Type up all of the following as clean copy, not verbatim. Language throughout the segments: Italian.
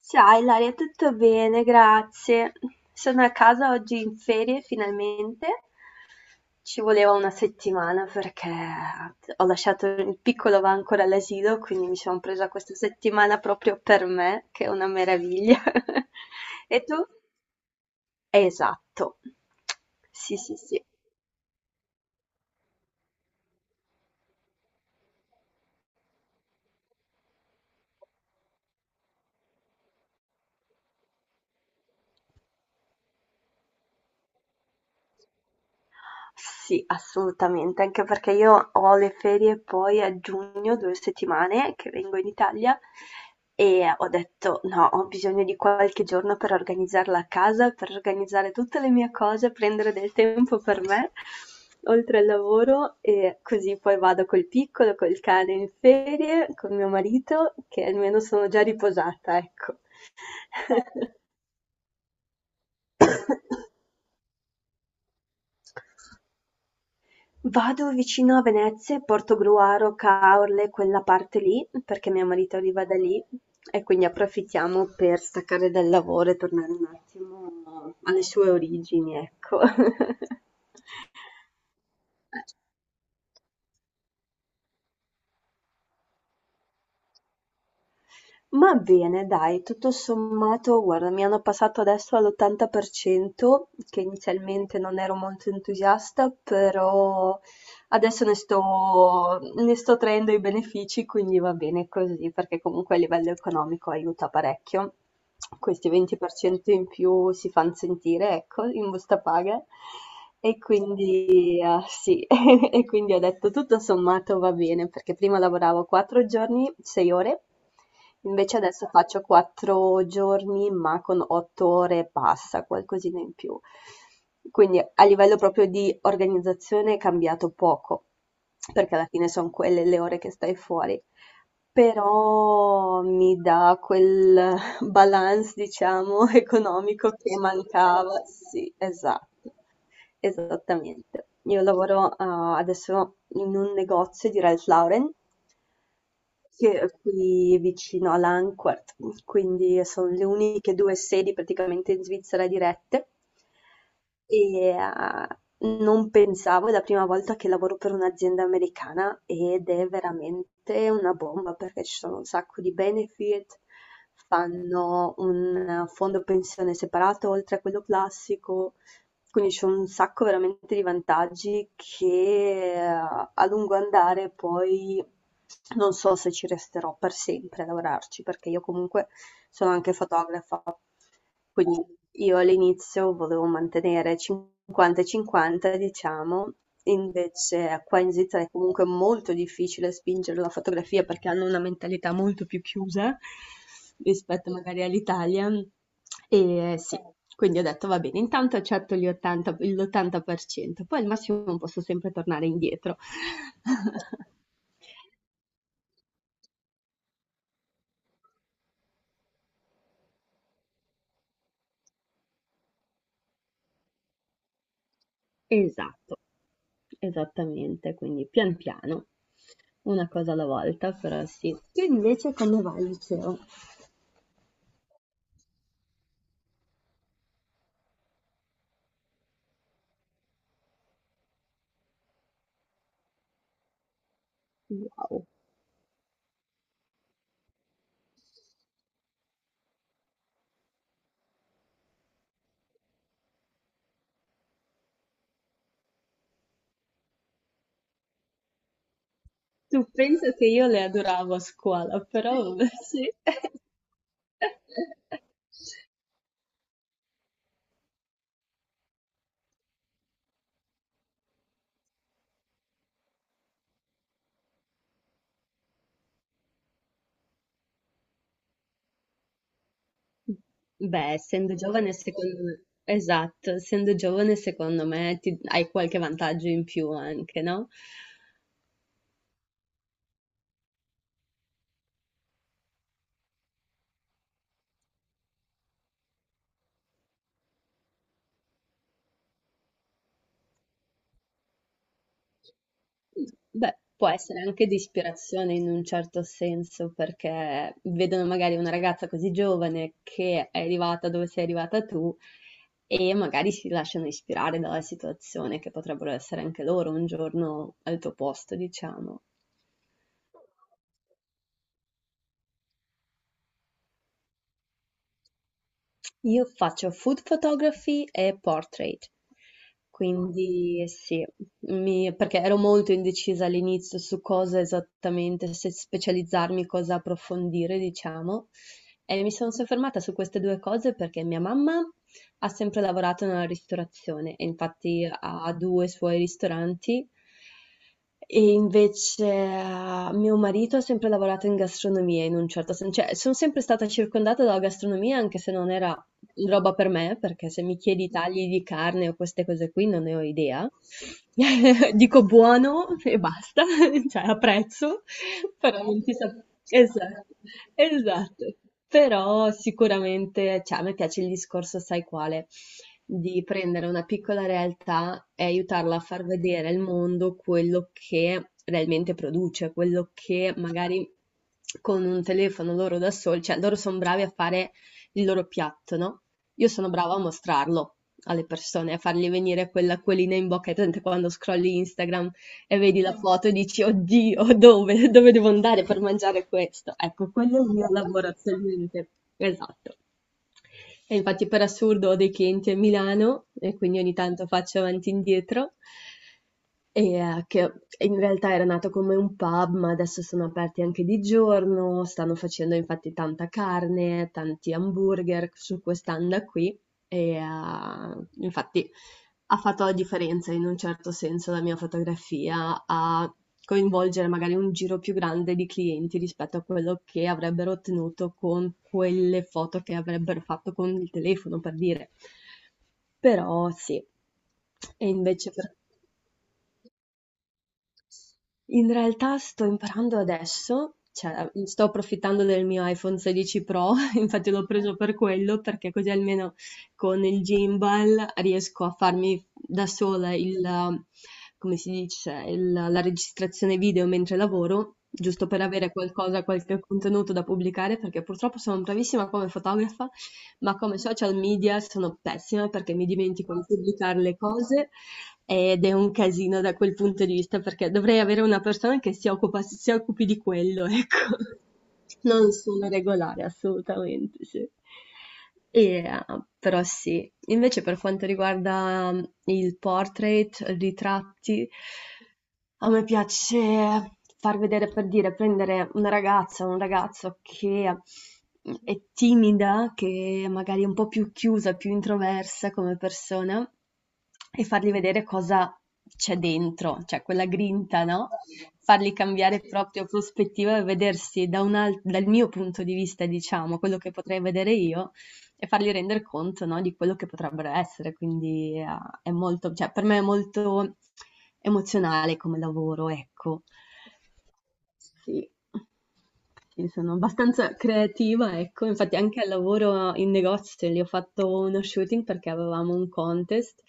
Ciao Ilaria, tutto bene, grazie. Sono a casa oggi in ferie finalmente. Ci voleva una settimana perché ho lasciato il piccolo va ancora all'asilo, quindi mi sono presa questa settimana proprio per me, che è una meraviglia. E tu? Esatto. Sì, sì, sì. Sì, assolutamente, anche perché io ho le ferie poi a giugno, 2 settimane che vengo in Italia e ho detto no, ho bisogno di qualche giorno per organizzarla a casa, per organizzare tutte le mie cose, prendere del tempo per me, oltre al lavoro e così poi vado col piccolo, col cane in ferie, con mio marito, che almeno sono già riposata, ecco. Vado vicino a Venezia e Portogruaro, Caorle, quella parte lì, perché mio marito arriva da lì e quindi approfittiamo per staccare dal lavoro e tornare un attimo alle sue origini, ecco. Ma bene, dai, tutto sommato, guarda, mi hanno passato adesso all'80%, che inizialmente non ero molto entusiasta, però adesso ne sto traendo i benefici, quindi va bene così, perché comunque a livello economico aiuta parecchio. Questi 20% in più si fanno sentire, ecco, in busta paga. E quindi, ah, sì, e quindi ho detto tutto sommato va bene, perché prima lavoravo 4 giorni, 6 ore. Invece adesso faccio 4 giorni, ma con 8 ore e passa, qualcosina in più. Quindi a livello proprio di organizzazione è cambiato poco, perché alla fine sono quelle le ore che stai fuori, però mi dà quel balance, diciamo, economico che mancava. Sì, esatto, esattamente. Io lavoro, adesso in un negozio di Ralph Lauren che è qui vicino a Lanquart, quindi sono le uniche due sedi praticamente in Svizzera dirette. E non pensavo, è la prima volta che lavoro per un'azienda americana ed è veramente una bomba perché ci sono un sacco di benefit, fanno un fondo pensione separato oltre a quello classico, quindi c'è un sacco veramente di vantaggi che a lungo andare poi non so se ci resterò per sempre a lavorarci perché io comunque sono anche fotografa, quindi io all'inizio volevo mantenere 50 e 50, diciamo, invece qua in Svizzera è comunque molto difficile spingere la fotografia perché hanno una mentalità molto più chiusa rispetto magari all'Italia. E sì, quindi ho detto va bene, intanto accetto gli 80, l'80%, poi al massimo posso sempre tornare indietro. Esatto. Esattamente, quindi pian piano, una cosa alla volta, però sì. Tu invece come vai al liceo? Wow. Tu pensa che io le adoravo a scuola, però sì. Beh, essendo giovane, secondo me, esatto, essendo giovane, secondo me hai qualche vantaggio in più anche, no? Beh, può essere anche di ispirazione in un certo senso, perché vedono magari una ragazza così giovane che è arrivata dove sei arrivata tu e magari si lasciano ispirare dalla situazione, che potrebbero essere anche loro un giorno al tuo posto, diciamo. Io faccio food photography e portrait, quindi sì, perché ero molto indecisa all'inizio su cosa esattamente, se specializzarmi, cosa approfondire, diciamo, e mi sono soffermata su queste due cose perché mia mamma ha sempre lavorato nella ristorazione e infatti ha due suoi ristoranti. E invece mio marito ha sempre lavorato in gastronomia in un certo senso, cioè sono sempre stata circondata dalla gastronomia anche se non era roba per me, perché se mi chiedi tagli di carne o queste cose qui non ne ho idea. Dico buono e basta, cioè apprezzo, però non ti saprei. Esatto, esatto. Però sicuramente, cioè, a me piace il discorso, sai quale, di prendere una piccola realtà e aiutarla a far vedere al mondo quello che realmente produce, quello che magari con un telefono loro da soli, cioè loro sono bravi a fare il loro piatto, no? Io sono brava a mostrarlo alle persone, a fargli venire quell'acquolina in bocca. Hai presente quando scrolli Instagram e vedi la Sì. foto e dici, oddio, dove, dove devo andare per mangiare questo? Ecco, quello è il mio lavoro attualmente. Esatto. E infatti per assurdo ho dei clienti a Milano e quindi ogni tanto faccio avanti e indietro. E, che in realtà era nato come un pub, ma adesso sono aperti anche di giorno, stanno facendo infatti tanta carne, tanti hamburger su quest'anda qui. E infatti ha fatto la differenza in un certo senso la mia fotografia a coinvolgere magari un giro più grande di clienti rispetto a quello che avrebbero ottenuto con quelle foto che avrebbero fatto con il telefono, per dire. Però sì, e invece per in realtà sto imparando adesso, cioè sto approfittando del mio iPhone 16 Pro, infatti l'ho preso per quello, perché così almeno con il gimbal riesco a farmi da sola il, come si dice, la registrazione video mentre lavoro, giusto per avere qualcosa, qualche contenuto da pubblicare, perché purtroppo sono bravissima come fotografa, ma come social media sono pessima perché mi dimentico di pubblicare le cose ed è un casino da quel punto di vista perché dovrei avere una persona che si occupa, si occupi di quello, ecco. Non sono regolare assolutamente, sì. E, eh, però sì, invece per quanto riguarda il portrait, ritratti, a me piace far vedere, per dire, prendere una ragazza o un ragazzo che è timida, che magari è un po' più chiusa, più introversa come persona, e fargli vedere cosa c'è dentro, cioè quella grinta, no? Fargli cambiare proprio prospettiva e vedersi da dal mio punto di vista, diciamo, quello che potrei vedere io, e fargli rendere conto, no, di quello che potrebbero essere. Quindi è molto, cioè, per me è molto emozionale come lavoro, ecco. Sì. Sì, sono abbastanza creativa, ecco, infatti anche al lavoro in negozio lì ho fatto uno shooting perché avevamo un contest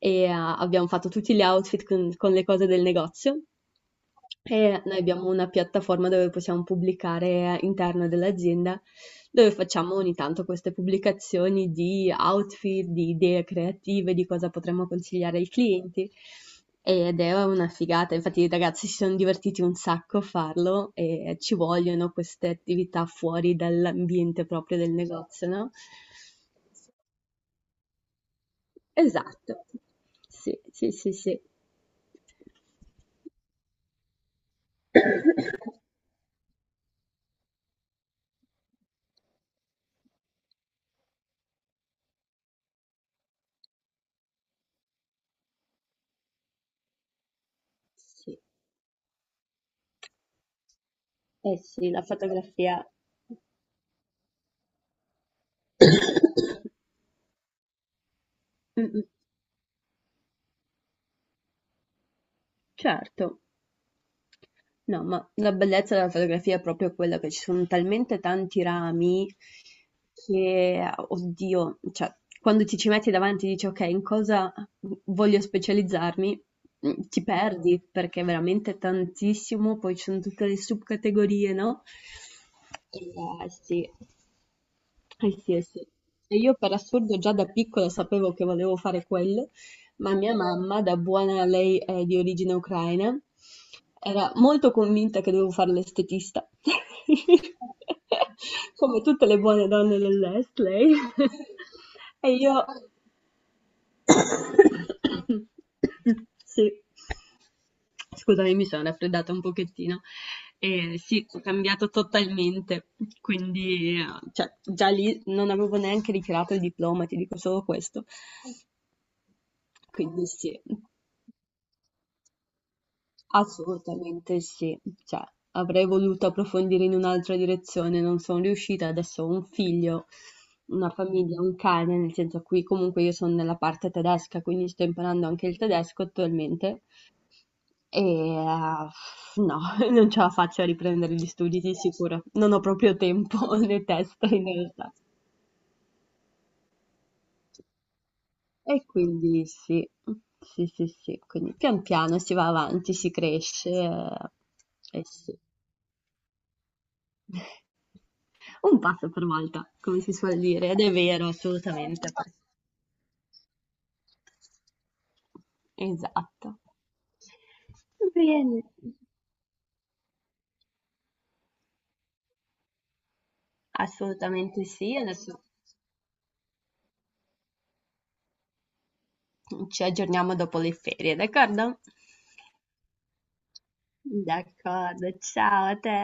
e abbiamo fatto tutti gli outfit con le cose del negozio e noi abbiamo una piattaforma dove possiamo pubblicare all'interno dell'azienda dove facciamo ogni tanto queste pubblicazioni di outfit, di idee creative, di cosa potremmo consigliare ai clienti. Ed è una figata, infatti i ragazzi si sono divertiti un sacco a farlo e ci vogliono queste attività fuori dall'ambiente proprio del negozio, no? Esatto, sì, sì, sì, sì. Sì, eh sì, la fotografia. Mm, mm, certo. No, ma la bellezza della fotografia è proprio quella che ci sono talmente tanti rami che, oddio, cioè, quando ti ci metti davanti e dici, ok, in cosa voglio specializzarmi, ti perdi perché è veramente tantissimo, poi ci sono tutte le subcategorie, no? E, sì. Eh sì, eh sì. E io per assurdo già da piccola sapevo che volevo fare quello, ma mia mamma, da buona lei è di origine ucraina, era molto convinta che dovevo fare l'estetista, come tutte le buone donne dell'est, lei. E io sì. Scusami, mi sono raffreddata un pochettino. E sì, ho cambiato totalmente, quindi cioè, già lì non avevo neanche ritirato il diploma, ti dico solo questo. Quindi sì, assolutamente sì. Cioè, avrei voluto approfondire in un'altra direzione, non sono riuscita, adesso ho un figlio, una famiglia, un cane, nel senso qui comunque io sono nella parte tedesca, quindi sto imparando anche il tedesco attualmente. E no, non ce la faccio a riprendere gli studi di sicuro. Non ho proprio tempo né testa in realtà. E quindi sì, sì, sì, sì. Quindi pian piano si va avanti, si cresce e sì. Un passo per volta, come si suol dire, ed è vero, assolutamente. Esatto. Bene, assolutamente sì. Adesso ci aggiorniamo dopo le ferie, d'accordo? D'accordo, ciao a te.